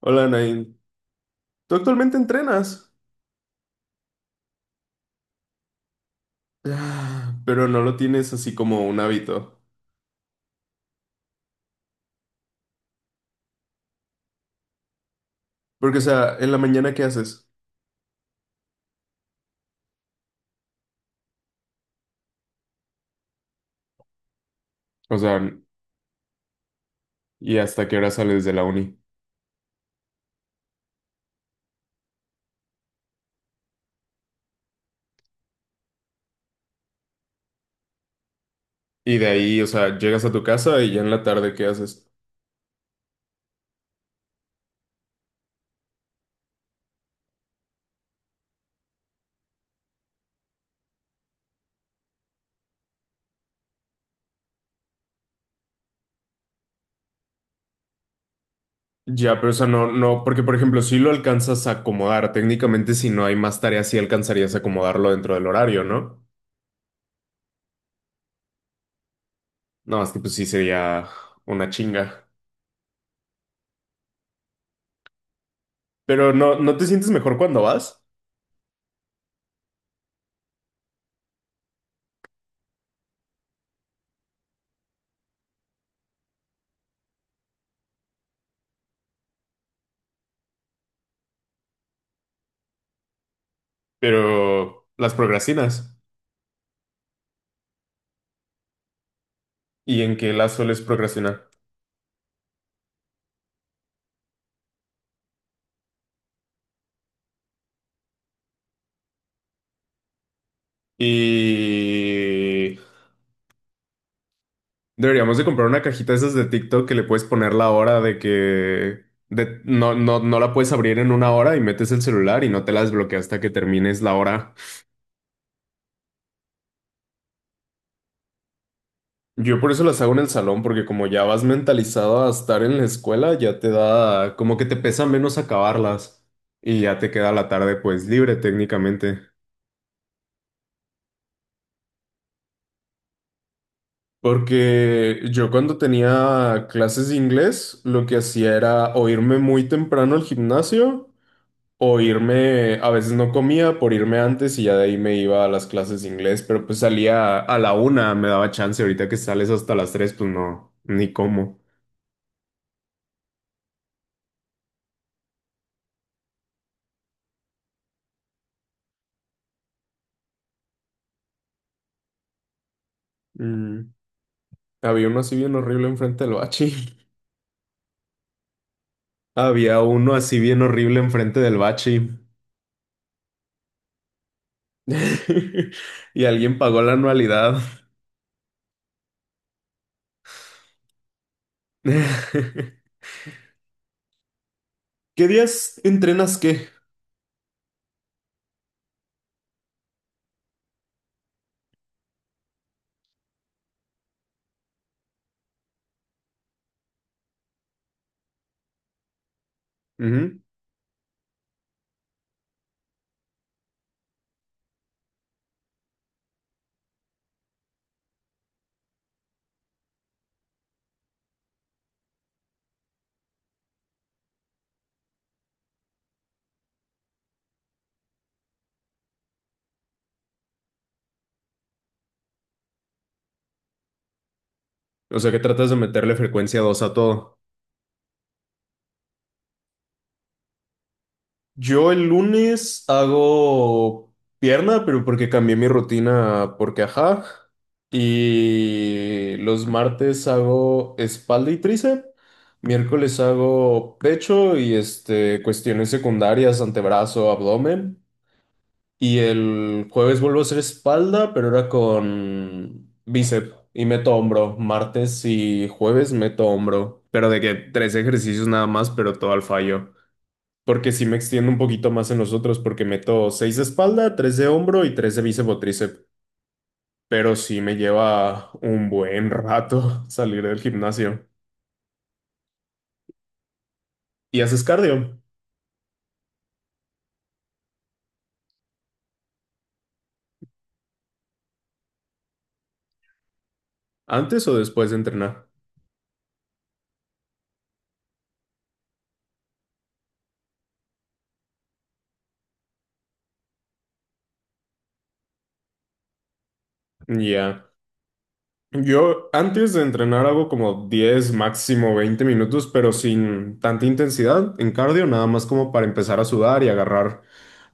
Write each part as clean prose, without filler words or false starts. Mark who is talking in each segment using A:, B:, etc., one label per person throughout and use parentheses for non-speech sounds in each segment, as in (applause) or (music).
A: Hola, Nain. ¿Tú actualmente entrenas? Ah, pero no lo tienes así como un hábito. Porque, o sea, en la mañana, ¿qué haces? O sea, ¿y hasta qué hora sales de la uni? Y de ahí, o sea, llegas a tu casa y ya en la tarde, ¿qué haces? Ya, pero, o sea, no, no, porque, por ejemplo, si lo alcanzas a acomodar, técnicamente, si no hay más tareas, sí alcanzarías a acomodarlo dentro del horario, ¿no? No, es que pues sí sería una chinga. Pero ¿no, no te sientes mejor cuando vas? Pero las procrastinas. ¿Y en qué la sueles procrastinar? Y deberíamos de comprar una cajita de esas de TikTok que le puedes poner la hora de que no, no, no la puedes abrir en una hora y metes el celular y no te la desbloqueas hasta que termines la hora. Yo por eso las hago en el salón, porque como ya vas mentalizado a estar en la escuela, ya te da como que te pesa menos acabarlas y ya te queda la tarde pues libre técnicamente. Porque yo cuando tenía clases de inglés, lo que hacía era o irme muy temprano al gimnasio o irme, a veces no comía por irme antes y ya de ahí me iba a las clases de inglés, pero pues salía a la una, me daba chance, ahorita que sales hasta las tres, pues no, ni cómo. Mm. Había uno así bien horrible enfrente del bachi. (laughs) Había uno así bien horrible enfrente del bachi. (laughs) Y alguien pagó la anualidad. (laughs) ¿Qué días entrenas qué? Ujú. O sea que tratas de meterle frecuencia dos a todo. Yo el lunes hago pierna, pero porque cambié mi rutina, porque ajá. Y los martes hago espalda y tríceps. Miércoles hago pecho y cuestiones secundarias, antebrazo, abdomen. Y el jueves vuelvo a hacer espalda, pero ahora con bíceps y meto hombro. Martes y jueves meto hombro. Pero de que tres ejercicios nada más, pero todo al fallo. Porque sí me extiendo un poquito más en los otros, porque meto seis de espalda, tres de hombro y tres de bíceps o tríceps. Pero sí me lleva un buen rato (laughs) salir del gimnasio. ¿Y haces cardio? ¿Antes o después de entrenar? Ya. Yo antes de entrenar hago como 10 máximo 20 minutos, pero sin tanta intensidad en cardio, nada más como para empezar a sudar y agarrar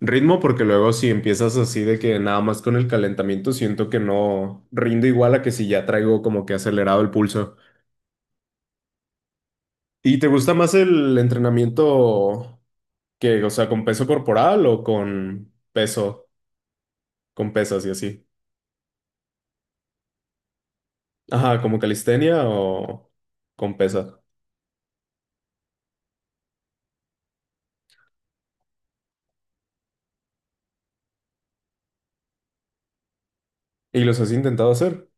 A: ritmo, porque luego si empiezas así de que nada más con el calentamiento siento que no rindo igual a que si ya traigo como que acelerado el pulso. ¿Y te gusta más el entrenamiento que, o sea, con peso corporal o con peso, con pesas y así? Ajá, como calistenia o con pesas. ¿Y los has intentado hacer?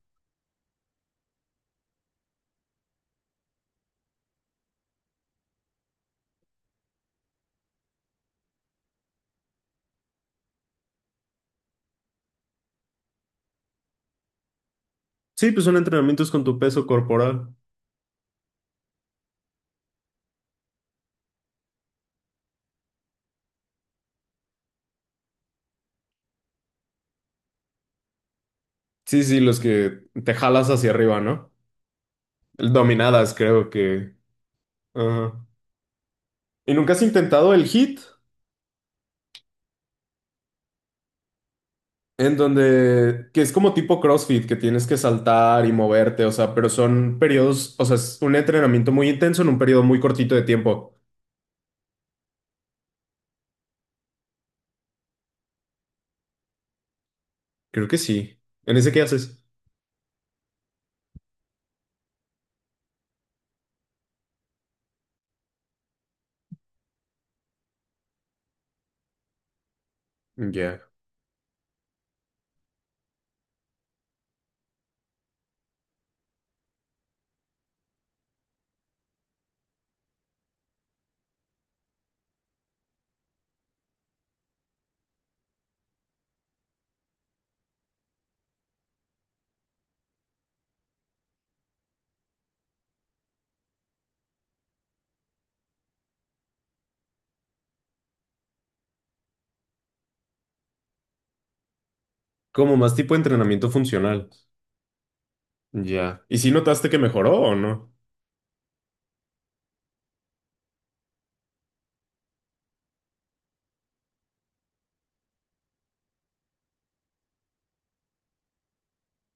A: Sí, pues son entrenamientos con tu peso corporal. Sí, sí, los que te jalas hacia arriba, ¿no? El dominadas, creo que. Ajá. ¿Y nunca has intentado el hit? En donde, que es como tipo CrossFit, que tienes que saltar y moverte, o sea, pero son periodos, o sea, es un entrenamiento muy intenso en un periodo muy cortito de tiempo. Creo que sí. ¿En ese qué haces? Ya. Como más tipo de entrenamiento funcional. Ya. ¿Y si notaste que mejoró o no?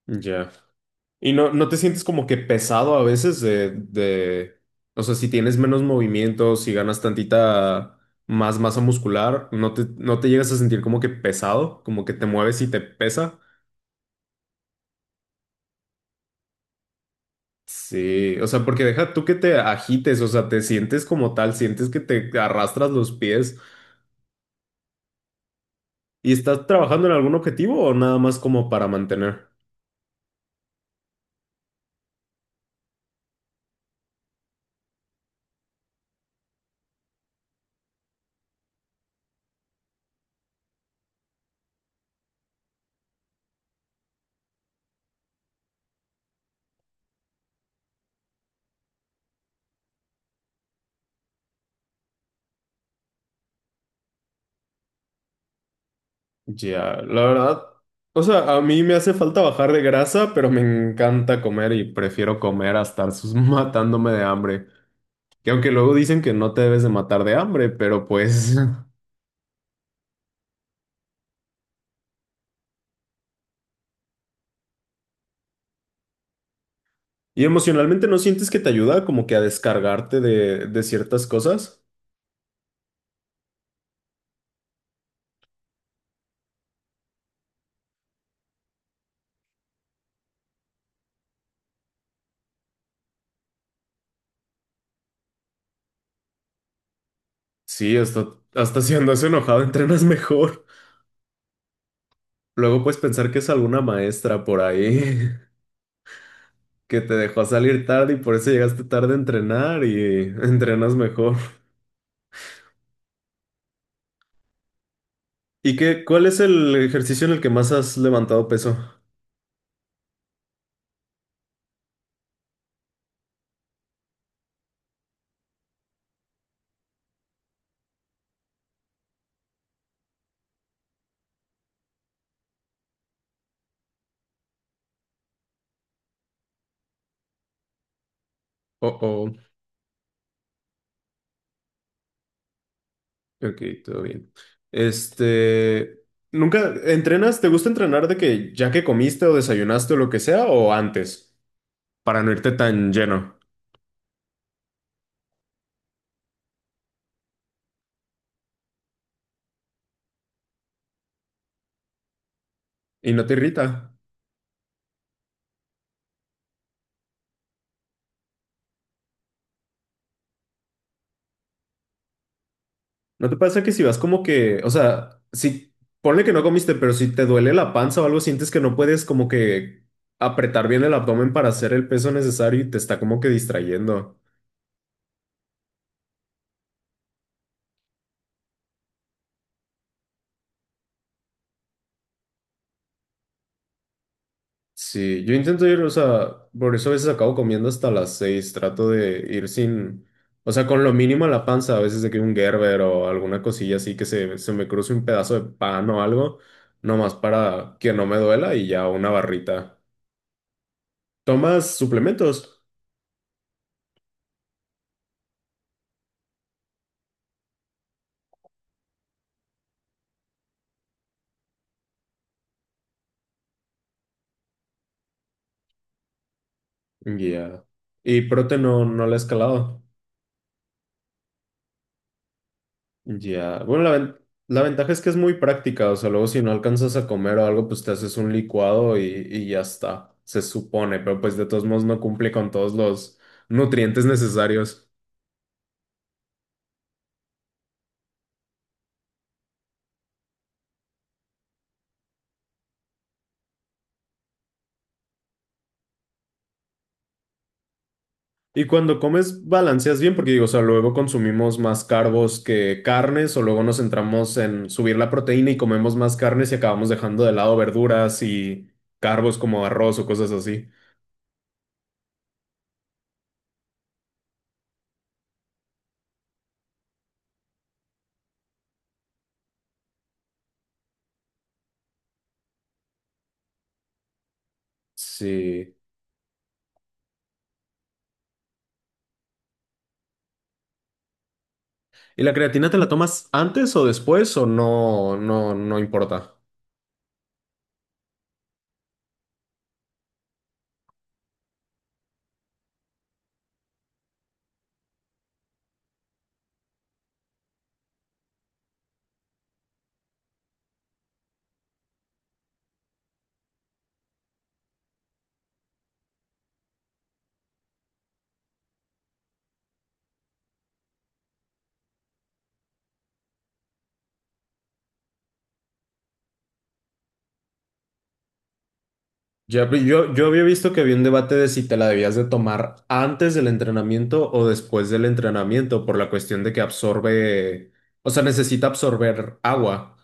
A: Ya. ¿Y no, no te sientes como que pesado a veces de, o sea, si tienes menos movimiento, si ganas tantita más masa muscular, no te llegas a sentir como que pesado, como que te mueves y te pesa? Sí, o sea, porque deja tú que te agites, o sea, te sientes como tal, sientes que te arrastras los pies y estás trabajando en algún objetivo o nada más como para mantener. Ya, la verdad, o sea, a mí me hace falta bajar de grasa, pero me encanta comer y prefiero comer a estar (laughs) matándome de hambre. Que aunque luego dicen que no te debes de matar de hambre, pero pues (laughs) ¿Y emocionalmente no sientes que te ayuda como que a descargarte de ciertas cosas? Sí, hasta si andas enojado (laughs) entrenas mejor. Luego puedes pensar que es alguna maestra por ahí (laughs) que te dejó salir tarde y por eso llegaste tarde a entrenar y (laughs) entrenas mejor. ¿Y qué, cuál es el ejercicio en el que más has levantado peso? Oh, oh, ok, todo bien. Este, ¿Nunca entrenas? ¿Te gusta entrenar de que ya que comiste o desayunaste o lo que sea o antes para no irte tan lleno y no te irrita? ¿No te pasa que si vas como que, o sea, si ponle que no comiste, pero si te duele la panza o algo, sientes que no puedes como que apretar bien el abdomen para hacer el peso necesario y te está como que distrayendo? Sí, yo intento ir, o sea, por eso a veces acabo comiendo hasta las seis, trato de ir sin, o sea, con lo mínimo a la panza, a veces de que un Gerber o alguna cosilla así que se me cruce un pedazo de pan o algo, nomás para que no me duela y ya una barrita. ¿Tomas suplementos? Ya. ¿Y prote no, no la he escalado? Ya, bueno, la ventaja es que es muy práctica, o sea, luego si no alcanzas a comer o algo, pues te haces un licuado y ya está, se supone, pero pues de todos modos no cumple con todos los nutrientes necesarios. ¿Y cuando comes balanceas bien? Porque digo, o sea, luego consumimos más carbos que carnes, o luego nos centramos en subir la proteína y comemos más carnes y acabamos dejando de lado verduras y carbos como arroz o cosas así. Sí. ¿Y la creatina te la tomas antes o después o no, no, no importa? Ya, pero yo había visto que había un debate de si te la debías de tomar antes del entrenamiento o después del entrenamiento por la cuestión de que absorbe, o sea, necesita absorber agua.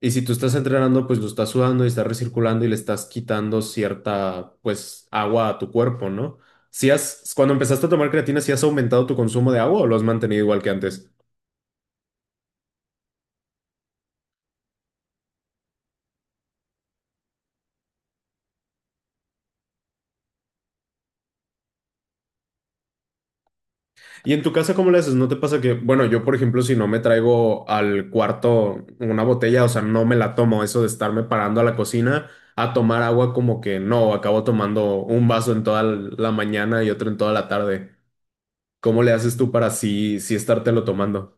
A: Y si tú estás entrenando, pues lo estás sudando y estás recirculando y le estás quitando cierta, pues, agua a tu cuerpo, ¿no? Si has, ¿Cuando empezaste a tomar creatina, si has aumentado tu consumo de agua o lo has mantenido igual que antes? ¿Y en tu casa cómo le haces? ¿No te pasa que, bueno, yo por ejemplo, si no me traigo al cuarto una botella, o sea, no me la tomo, eso de estarme parando a la cocina a tomar agua como que no, acabo tomando un vaso en toda la mañana y otro en toda la tarde? ¿Cómo le haces tú para sí, sí estártelo tomando?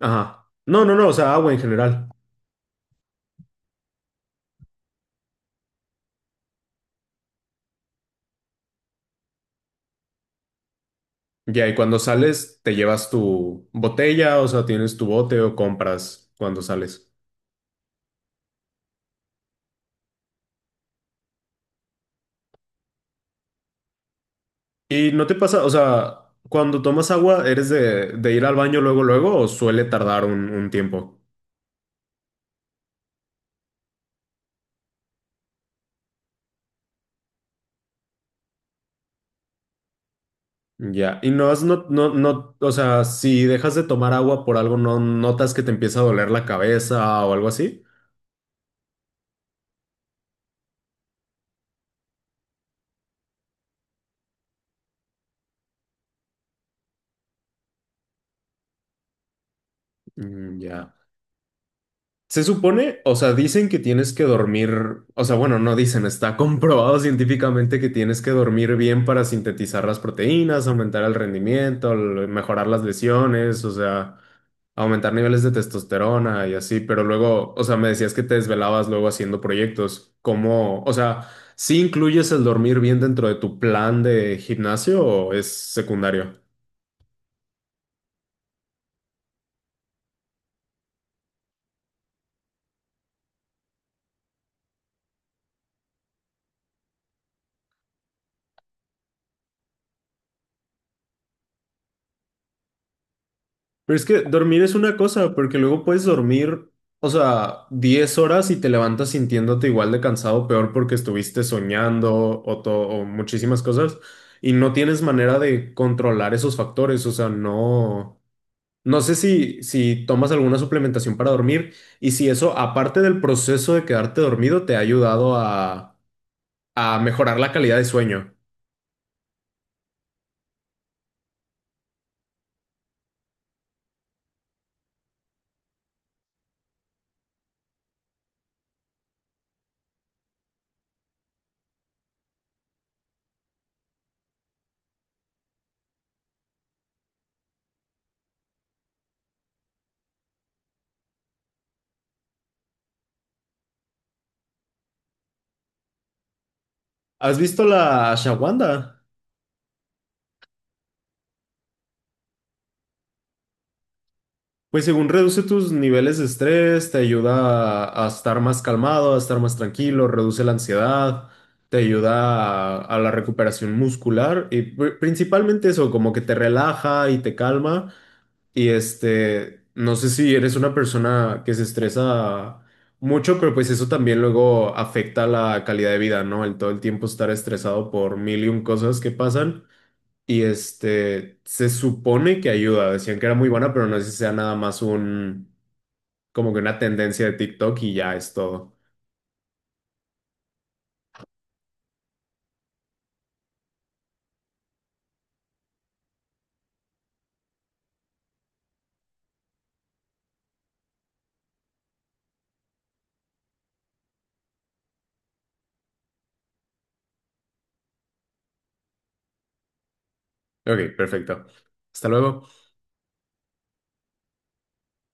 A: Ajá. No, no, no, o sea, agua en general. Ya, y cuando sales, ¿te llevas tu botella, o sea, tienes tu bote o compras cuando sales? ¿Y no te pasa, o sea, cuando tomas agua, eres de ir al baño luego, luego, o suele tardar un tiempo? Ya, y no has, no, no, no, o sea, si dejas de tomar agua por algo, ¿no notas que te empieza a doler la cabeza o algo así? Mm, ya. Se supone, o sea, dicen que tienes que dormir, o sea, bueno, no dicen, está (laughs) comprobado científicamente que tienes que dormir bien para sintetizar las proteínas, aumentar el rendimiento, mejorar las lesiones, o sea, aumentar niveles de testosterona y así, pero luego, o sea, me decías que te desvelabas luego haciendo proyectos, ¿cómo, o sea, sí incluyes el dormir bien dentro de tu plan de gimnasio o es secundario? Pero es que dormir es una cosa, porque luego puedes dormir, o sea, 10 horas y te levantas sintiéndote igual de cansado, peor porque estuviste soñando o muchísimas cosas, y no tienes manera de controlar esos factores, o sea, no, no sé si tomas alguna suplementación para dormir y si eso, aparte del proceso de quedarte dormido, te ha ayudado a mejorar la calidad de sueño. ¿Has visto la Shawanda? Pues según reduce tus niveles de estrés, te ayuda a estar más calmado, a estar más tranquilo, reduce la ansiedad, te ayuda a la recuperación muscular y principalmente eso, como que te relaja y te calma. Y no sé si eres una persona que se estresa mucho, pero pues eso también luego afecta la calidad de vida, ¿no? El todo el tiempo estar estresado por mil y un cosas que pasan. Y se supone que ayuda, decían que era muy buena, pero no sé si sea nada más como que una tendencia de TikTok y ya es todo. Ok, perfecto. Hasta luego.